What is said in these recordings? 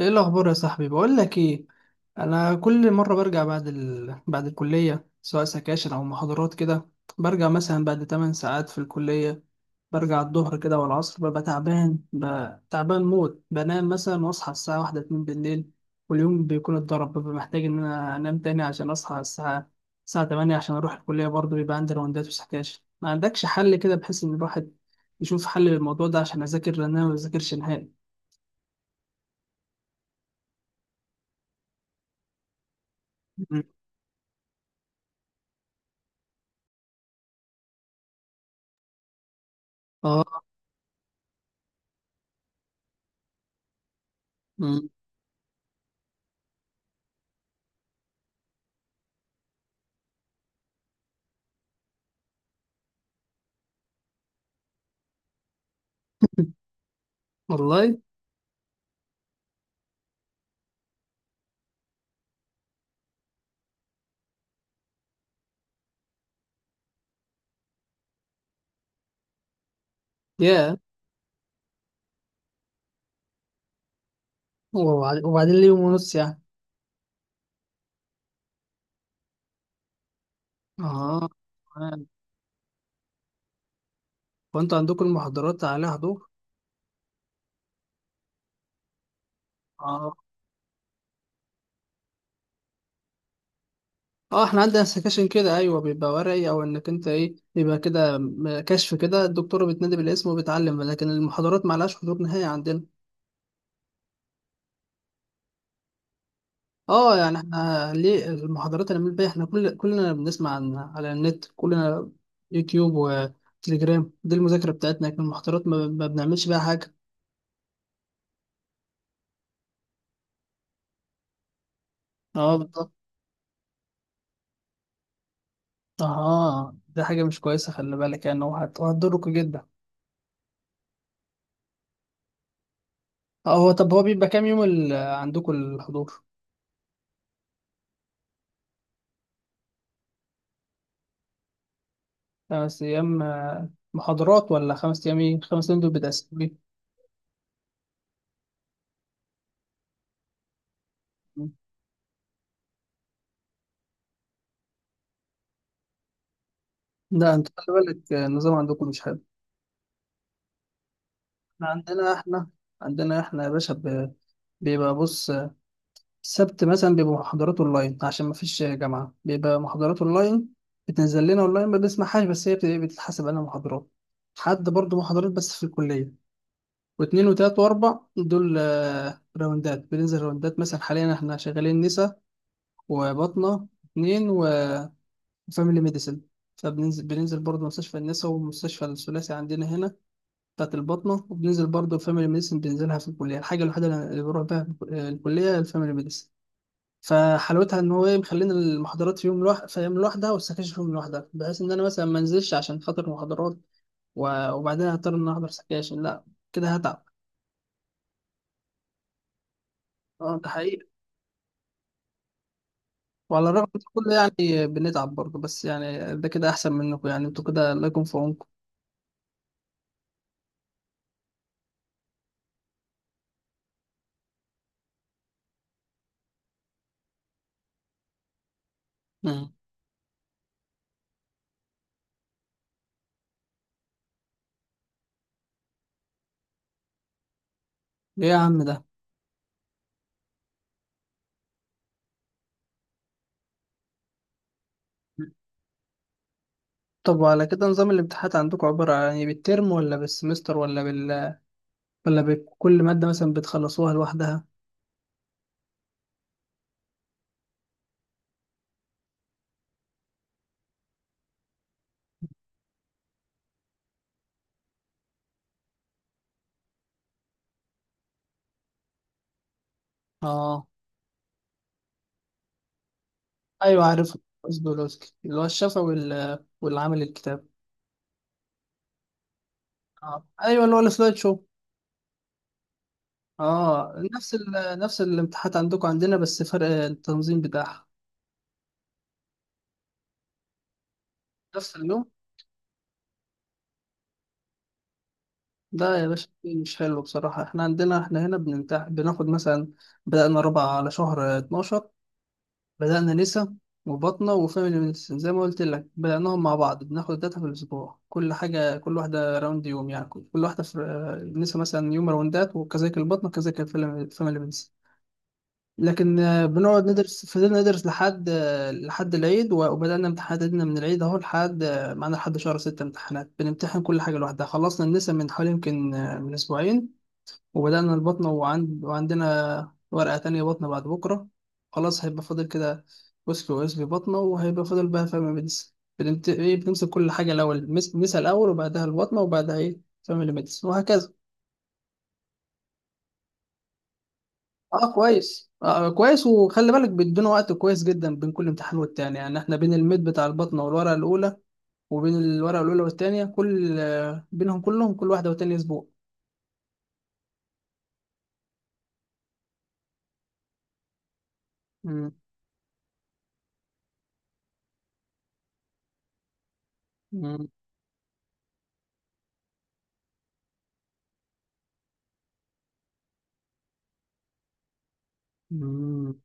ايه الاخبار يا صاحبي؟ بقول لك ايه، انا كل مره برجع بعد بعد الكليه سواء سكاشن او محاضرات كده. برجع مثلا بعد 8 ساعات في الكليه، برجع الظهر كده والعصر، ببقى تعبان، ببقى تعبان موت، بنام مثلا واصحى الساعه واحدة اتنين بالليل واليوم بيكون اتضرب. ببقى محتاج ان انا انام تاني عشان اصحى الساعه 8 عشان اروح الكليه. برضه بيبقى عندي راوندات وسكاشن، ما عندكش حل كده بحيث ان الواحد يشوف حل للموضوع ده عشان اذاكر، لان انا ما بذاكرش نهائي. مم. اه. مم. والله. يا وبعدين ليه يوم ونص يعني؟ اه. تمام. وانتوا عندكم المحاضرات عليها حضور؟ اه. اه، احنا عندنا سكاشن كده، ايوه، بيبقى ورقي او انك انت ايه، بيبقى كده كشف كده، الدكتوره بتنادي بالاسم وبتعلم، لكن المحاضرات ما لهاش حضور نهائي عندنا. اه يعني احنا ليه المحاضرات اللي بنعمل بيها احنا، كلنا بنسمع عن على النت، كلنا يوتيوب وتليجرام دي المذاكره بتاعتنا، لكن المحاضرات ما بنعملش بيها حاجه. اه بالظبط. اه دي حاجة مش كويسة، خلي بالك يعني، هو هتضركوا جدا. هو طب هو بيبقى كام يوم عندكم الحضور؟ خمس أيام محاضرات، ولا 5 أيام ايه؟ 5 أيام دول بتقسمين؟ لا انت خلي بالك، النظام عندكم مش حلو. احنا عندنا، احنا يا باشا بيبقى بص، السبت مثلا بيبقى محاضرات اونلاين، عشان ما فيش جامعة بيبقى محاضرات اونلاين، بتنزل لنا اونلاين ما بنسمعهاش، بس هي بتتحسب انها محاضرات. حد برضو محاضرات بس في الكلية. واتنين وتلات واربع دول راوندات، بننزل راوندات مثلا حاليا احنا شغالين نسا وبطنة اتنين وفاميلي ميديسن، فبننزل برضه مستشفى النسا ومستشفى الثلاثي عندنا هنا بتاعت البطنة، وبننزل برضه فاميلي ميديسن بننزلها في الكلية. الحاجة الوحيدة اللي بروح بيها الكلية الفاميلي ميديسن، فحلاوتها ان هو ايه، مخلينا المحاضرات في يوم لوحدها، في يوم لوحدها، والسكاشن في يوم لوحدها، بحيث ان انا مثلا ما انزلش عشان خاطر محاضرات وبعدين هضطر ان أنا احضر سكاشن، لا كده هتعب. اه ده حقيقي، وعلى الرغم من كل يعني بنتعب برضه، بس يعني ده كده أحسن منكم يعني، انتوا كده الله يكون في عونكم. مم. إيه يا عم ده؟ طب وعلى كده نظام الامتحانات عندكم عبارة عن يعني بالترم، ولا بالسمستر، ولا بال، ولا بكل مادة مثلا بتخلصوها لوحدها؟ اه. ايوه عارف، قصدولوسكي اللي هو الشفا والعمل الكتاب. اه ايوه اللي هو السلايد شو. اه نفس نفس الامتحانات عندكم عندنا، بس فرق التنظيم بتاعها. نفس اليوم؟ لا يا باشا مش حلو بصراحة. احنا عندنا، احنا هنا بنمتح بناخد مثلا، بدأنا ربع على شهر 12، بدأنا نسا وبطنة وفاميلي ميديسن زي ما قلت لك، بدأناهم مع بعض بناخد داتا في الأسبوع، كل حاجة كل واحدة راوند يوم يعني، كل واحدة في نسا مثلا يوم راوندات، وكذلك البطنة، وكذلك الفاميلي ميديسن. لكن بنقعد ندرس، فضلنا ندرس لحد لحد العيد، وبدأنا امتحاناتنا من العيد اهو لحد معانا لحد شهر 6 امتحانات، بنمتحن كل حاجة لوحدها. خلصنا النسا من حوالي يمكن من أسبوعين وبدأنا البطنة، وعندنا ورقة تانية بطنة بعد بكرة، خلاص هيبقى فاضل كده وسك واسبي بطنة، وهيبقى فاضل بقى فاميلي ميديسن. إيه، بنمسك كل حاجة الأول مسها الأول، وبعدها البطنة، وبعدها إيه فاميلي ميديسن، وهكذا. اه كويس، آه كويس. وخلي بالك بيدونا وقت كويس جدا بين كل امتحان والتاني، يعني احنا بين الميد بتاع البطنة والورقة الأولى، وبين الورقة الأولى والتانية كل بينهم كلهم، كل واحدة والتانية أسبوع. مم. مم. مم.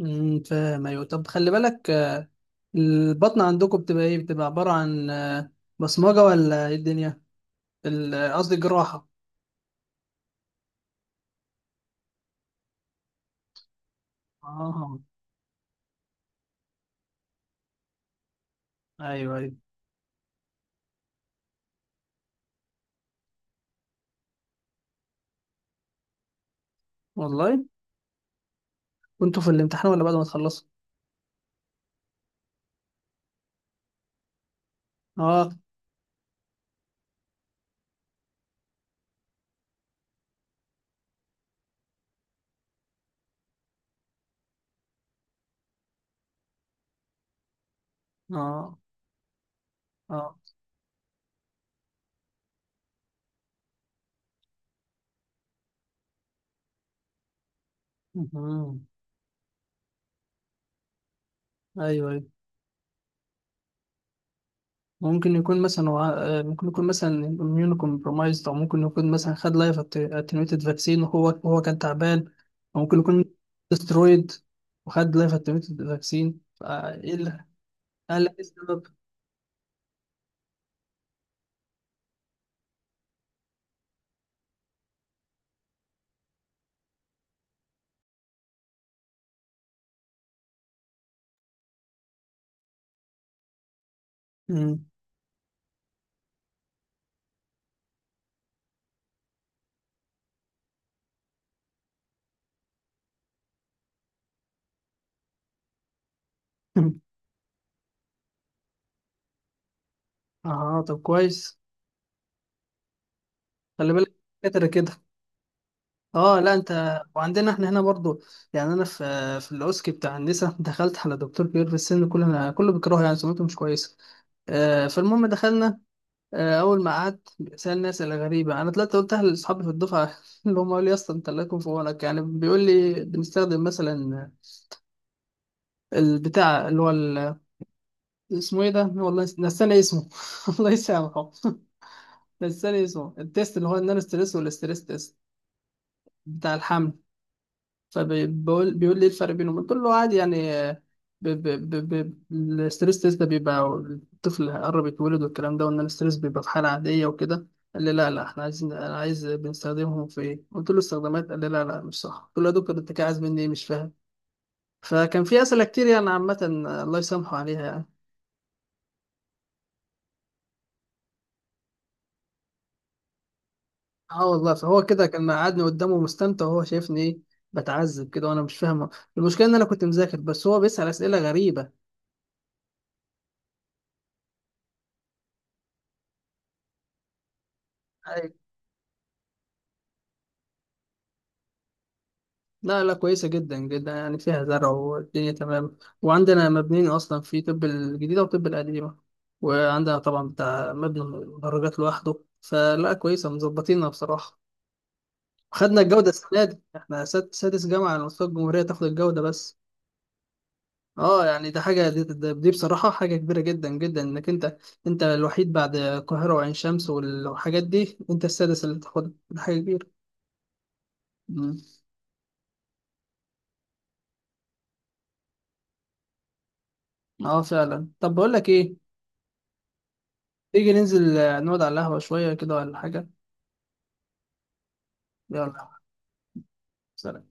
فاهم. ايوه طب خلي بالك، البطن عندكم بتبقى ايه؟ بتبقى عبارة عن بصمجة، ولا ايه الدنيا قصدي جراحة. اه. ايوه ايوه. والله. كنتوا في الامتحان ولا بعد ما تخلصوا؟ اه. اه. اه. مهم. ايوه ايوه. ممكن يكون مثلا ممكن يكون مثلا اميون كومبرومايزد، او ممكن يكون مثلا خد لايف اتنويتد فاكسين وهو هو كان تعبان، او ممكن يكون استرويد وخد لايف اتنويتد فاكسين، فايه اللي قال لك إيه السبب؟ مم. اه طب كويس، خلي بالك كتر كده. اه لا انت، وعندنا احنا هنا برضو، يعني انا في في الاوسكي بتاع النساء دخلت على دكتور كبير في السن، كلنا كله بيكرهه يعني، سمعته مش كويسه. آه فالمهم دخلنا، آه اول ما قعدت سالني اسئله غريبه، انا طلعت قلتها لاصحابي في الدفعه اللي هم قالوا لي يا اسطى انت الله يكون في عونك. يعني بيقول لي بنستخدم مثلا البتاع اللي هو اسمه ايه ده والله، نساني اسمه الله يسامحه. نساني اسمه، التيست اللي هو النان ستريس والاستريس تيست بتاع الحمل، فبيقول لي ايه الفرق بينهم؟ قلت له عادي يعني ب... ب... ب... الستريس تيست ده بيبقى الطفل قرب يتولد والكلام ده، وان الستريس بيبقى في حاله عاديه وكده. قال لي لا لا احنا عايزين، انا عايز بنستخدمهم في ايه؟ قلت له استخدامات. قال لي لا لا مش صح. قلت له يا دكتور انت كده عايز مني ايه؟ مش فاهم. فكان في اسئله كتير يعني عامه، الله يسامحه عليها يعني. اه والله. فهو كده كان قعدني قدامه مستمتع، وهو شايفني ايه بتعذب كده وانا مش فاهمه. المشكله ان انا كنت مذاكر، بس هو بيسال اسئله غريبه. لا لا كويسة جدا جدا، يعني فيها زرع والدنيا تمام، وعندنا مبنيين أصلا في طب الجديدة وطب القديمة، وعندنا طبعا بتاع مبنى المدرجات لوحده، فلا كويسة مظبطينها بصراحة. خدنا الجودة السنة دي، احنا سادس جامعة على مستوى الجمهورية تاخد الجودة. بس. اه يعني ده حاجة، دي بصراحة حاجة كبيرة جدا جدا، انك انت، انت الوحيد بعد القاهرة وعين شمس والحاجات دي، انت السادس اللي تاخدها، ده حاجة كبيرة. مم. اه فعلا. طب بقول لك ايه، تيجي ننزل نقعد على القهوة شوية كده ولا حاجة؟ يلا. سلام.